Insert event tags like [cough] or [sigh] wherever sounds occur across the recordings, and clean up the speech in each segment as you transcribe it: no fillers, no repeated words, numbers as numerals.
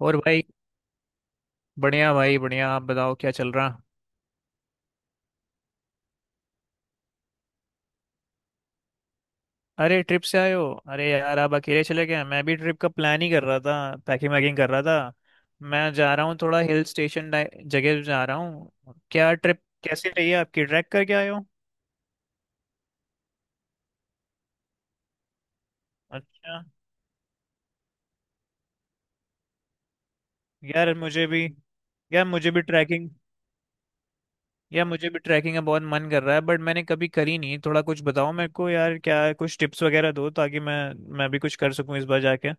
और भाई। बढ़िया भाई बढ़िया। आप बताओ, क्या चल रहा। अरे, ट्रिप से आए हो? अरे यार, आप अकेले चले गए। मैं भी ट्रिप का प्लान ही कर रहा था, पैकिंग वैकिंग कर रहा था। मैं जा रहा हूँ थोड़ा हिल स्टेशन जगह जा रहा हूँ। क्या ट्रिप कैसी रही है आपकी? ट्रैक करके आए हो? अच्छा। यार मुझे भी यार मुझे भी ट्रैकिंग यार मुझे भी ट्रैकिंग का बहुत मन कर रहा है बट मैंने कभी करी नहीं। थोड़ा कुछ बताओ मेरे को यार, क्या कुछ टिप्स वगैरह दो ताकि मैं भी कुछ कर सकूं इस बार जाके।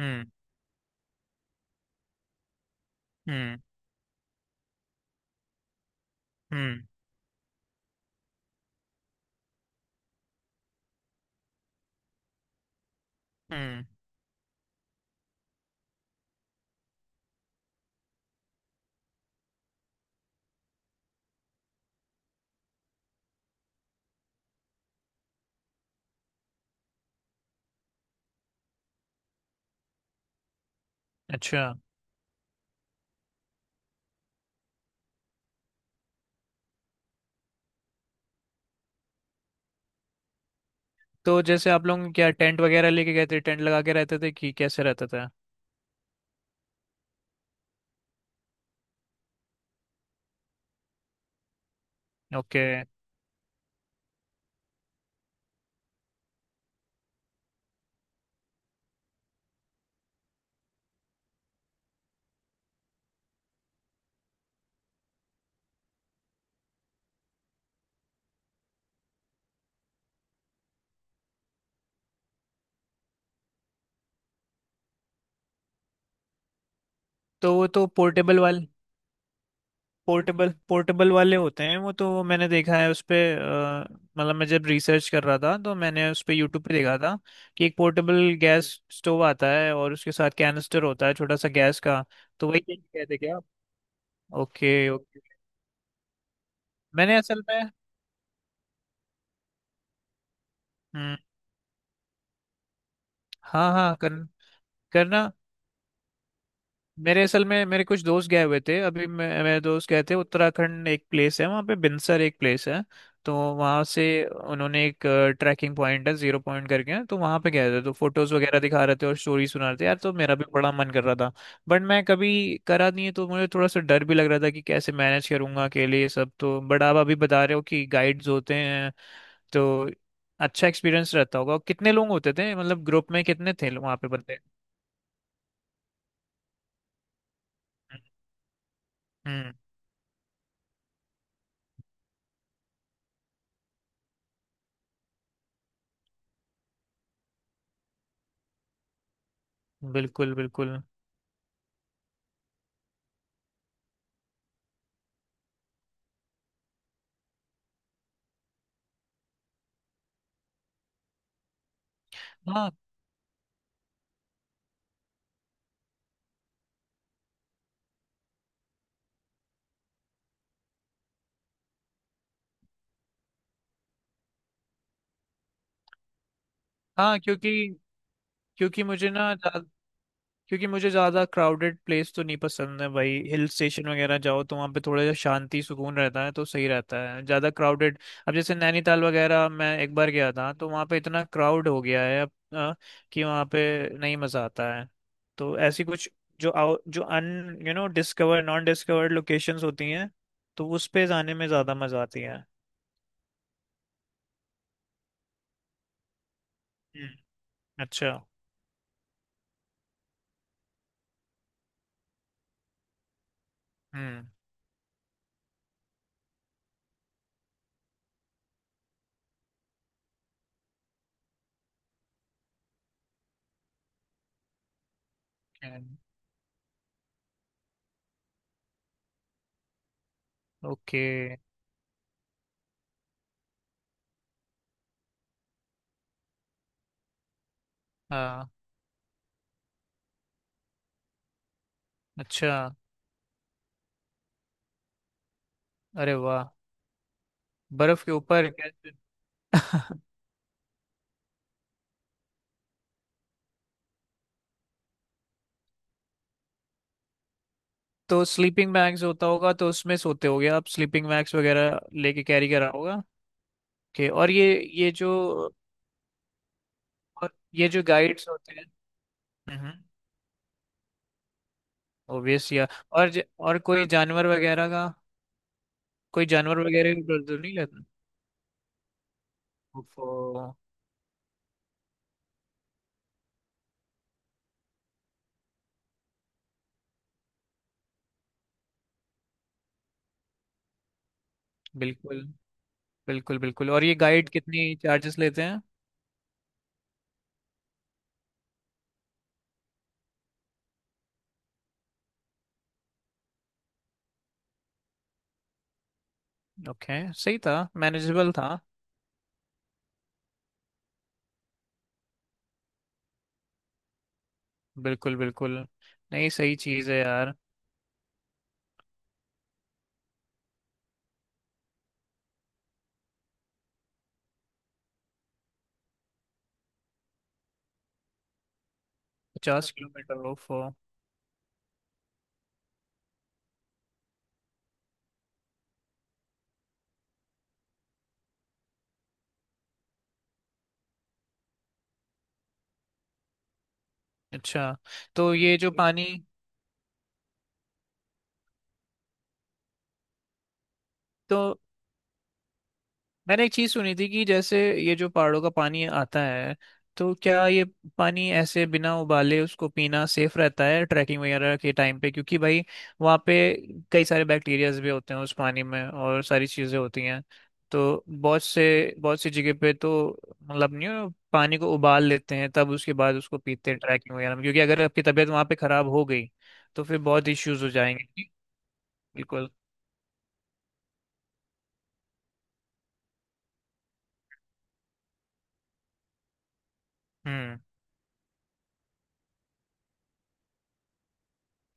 हम्म। हम्म। हम्म। हम्म। अच्छा, तो जैसे आप लोग क्या टेंट वगैरह लेके गए थे? टेंट लगा के रहते थे कि कैसे रहता था? ओके, तो वो तो पोर्टेबल पोर्टेबल वाले होते हैं। वो तो मैंने देखा है उस पे मतलब मैं जब रिसर्च कर रहा था तो मैंने उस पे यूट्यूब पे देखा था कि एक पोर्टेबल गैस स्टोव आता है और उसके साथ कैनिस्टर होता है छोटा सा गैस का। तो वही कहते क्या आप? Okay okay. मैंने असल में। हम्म। हाँ हाँ, करना। मेरे असल में मेरे कुछ दोस्त गए हुए थे अभी मैं, मेरे दोस्त गए थे उत्तराखंड। एक प्लेस है वहाँ पे बिनसर, एक प्लेस है। तो वहाँ से उन्होंने एक ट्रैकिंग पॉइंट है, जीरो पॉइंट करके, तो वहाँ पे गए थे। तो फोटोज वगैरह दिखा रहे थे और स्टोरी सुना रहे थे यार, तो मेरा भी बड़ा मन कर रहा था। बट मैं कभी करा नहीं है तो मुझे थोड़ा सा डर भी लग रहा था कि कैसे मैनेज करूंगा अकेले ये सब। तो बट आप अभी बता रहे हो कि गाइड्स होते हैं, तो अच्छा एक्सपीरियंस रहता होगा। कितने लोग होते थे मतलब, ग्रुप में कितने थे वहाँ पे बंदे? हम्म। बिल्कुल बिल्कुल। हाँ हाँ। क्योंकि क्योंकि मुझे ना ज्या- क्योंकि मुझे ज्यादा क्राउडेड प्लेस तो नहीं पसंद है भाई। हिल स्टेशन वगैरह जाओ तो वहाँ पे थोड़ा सा शांति सुकून रहता है तो सही रहता है। ज्यादा क्राउडेड, अब जैसे नैनीताल वगैरह मैं एक बार गया था तो वहाँ पे इतना क्राउड हो गया है अब कि वहाँ पे नहीं मजा आता है। तो ऐसी कुछ जो अन you know discover non discovered locations होती हैं, तो उस पे जाने में ज्यादा मजा आती है। हम्म। अच्छा। हम्म। ओके। हाँ। अच्छा। अरे वाह। बर्फ के ऊपर कैसे? [laughs] तो स्लीपिंग बैग्स होता होगा तो उसमें सोते होगे आप, स्लीपिंग बैग्स वगैरह लेके कैरी करा होगा? ओके। ये जो और ये जो गाइड्स होते हैं, ओबियस या और कोई जानवर वगैरह का, कोई जानवर वगैरह का डर तो नहीं लेता? ओफो। बिल्कुल बिल्कुल। बिल्कुल, और ये गाइड कितनी चार्जेस लेते हैं? ओके। सही था, मैनेजेबल था। बिल्कुल बिल्कुल। नहीं, सही चीज़ है यार। 50 किलोमीटर? ओफो। अच्छा। तो ये जो पानी, तो मैंने एक चीज सुनी थी कि जैसे ये जो पहाड़ों का पानी आता है, तो क्या ये पानी ऐसे बिना उबाले उसको पीना सेफ रहता है ट्रैकिंग वगैरह के टाइम पे? क्योंकि भाई वहाँ पे कई सारे बैक्टीरियाज भी होते हैं उस पानी में और सारी चीजें होती हैं। तो बहुत सी जगह पे तो मतलब नहीं हो, पानी को उबाल लेते हैं, तब उसके बाद उसको पीते हैं ट्रैकिंग वगैरह में। क्योंकि अगर आपकी तबीयत वहाँ पे खराब हो गई तो फिर बहुत इश्यूज हो जाएंगे। बिल्कुल। हम्म।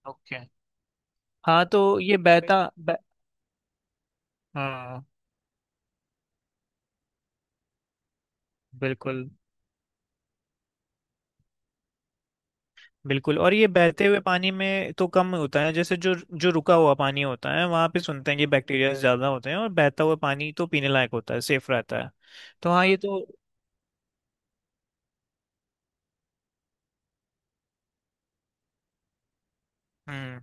ओके। हाँ तो ये पे- बहता ब... हाँ, बिल्कुल बिल्कुल। और ये बहते हुए पानी में तो कम होता है। जैसे जो जो रुका हुआ पानी होता है वहाँ पे सुनते हैं कि बैक्टीरिया ज्यादा होते हैं, और बहता हुआ पानी तो पीने लायक होता है, सेफ रहता है। तो हाँ, ये तो। हम्म।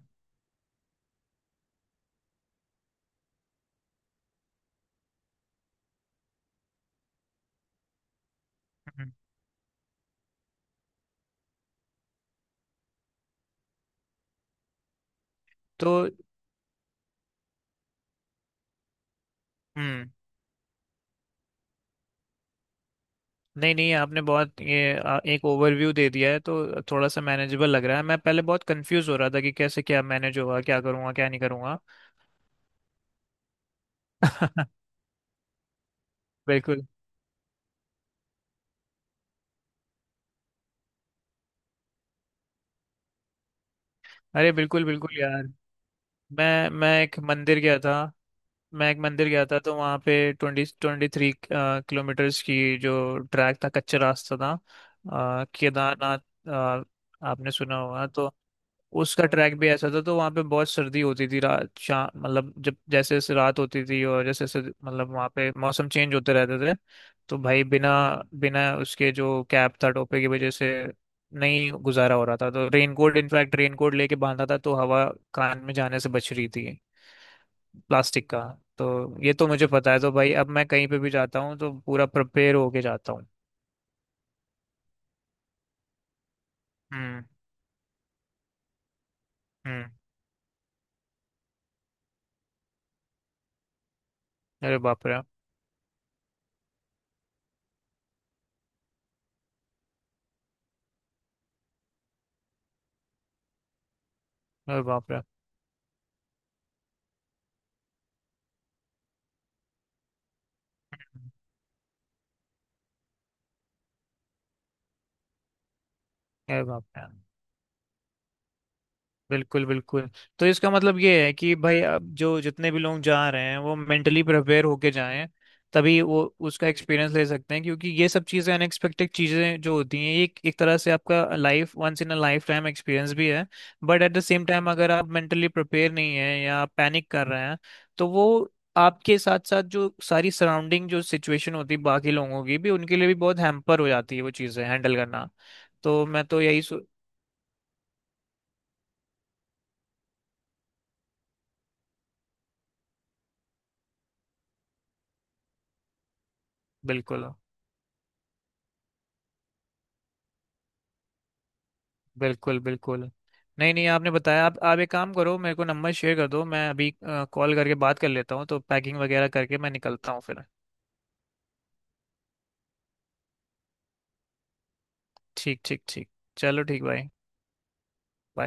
हम्म। तो हम्म। नहीं नहीं, आपने बहुत ये एक ओवरव्यू दे दिया है तो थोड़ा सा मैनेजेबल लग रहा है। मैं पहले बहुत कंफ्यूज हो रहा था कि कैसे क्या मैनेज होगा, क्या करूँगा क्या नहीं करूँगा। [laughs] बिल्कुल। अरे बिल्कुल बिल्कुल यार। मैं मैं एक मंदिर गया था मैं एक मंदिर गया था तो वहाँ पे 23 किलोमीटर्स की जो ट्रैक था, कच्चा रास्ता था केदारनाथ अ, आपने सुना होगा तो उसका ट्रैक भी ऐसा था। तो वहाँ पे बहुत सर्दी होती थी रात शाम, मतलब जब जैसे जैसे रात होती थी और जैसे जैसे, मतलब वहाँ पे मौसम चेंज होते रहते थे। तो भाई बिना बिना उसके, जो कैप था, टोपे की वजह से नहीं गुजारा हो रहा था। तो रेनकोट, इनफैक्ट रेनकोट लेके बांधा था तो हवा कान में जाने से बच रही थी, प्लास्टिक का। तो ये तो मुझे पता है, तो भाई अब मैं कहीं पे भी जाता हूँ तो पूरा प्रिपेयर होके जाता हूँ। हम्म। हम्म। अरे बाप रे। अरे बाप रे। अरे बाप रे। बिल्कुल बिल्कुल। तो इसका मतलब ये है कि भाई अब जो जितने भी लोग जा रहे हैं वो मेंटली प्रिपेयर होके जाएं, तभी वो उसका एक्सपीरियंस ले सकते हैं। क्योंकि ये सब चीज़ें अनएक्सपेक्टेड चीज़ें जो होती हैं, ये एक तरह से आपका life once in a lifetime experience भी है। But at the same time अगर आप मेंटली प्रिपेयर नहीं है या आप पैनिक कर रहे हैं, तो वो आपके साथ साथ जो सारी सराउंडिंग, जो सिचुएशन होती है बाकी लोगों की, भी उनके लिए भी बहुत हैम्पर हो जाती है वो चीज़ें हैंडल करना। तो मैं तो यही सो- बिल्कुल बिल्कुल बिल्कुल। नहीं नहीं, आपने बताया। आप एक काम करो, मेरे को नंबर शेयर कर दो, मैं अभी कॉल करके बात कर लेता हूँ। तो पैकिंग वगैरह करके मैं निकलता हूँ फिर। ठीक ठीक ठीक। चलो ठीक भाई।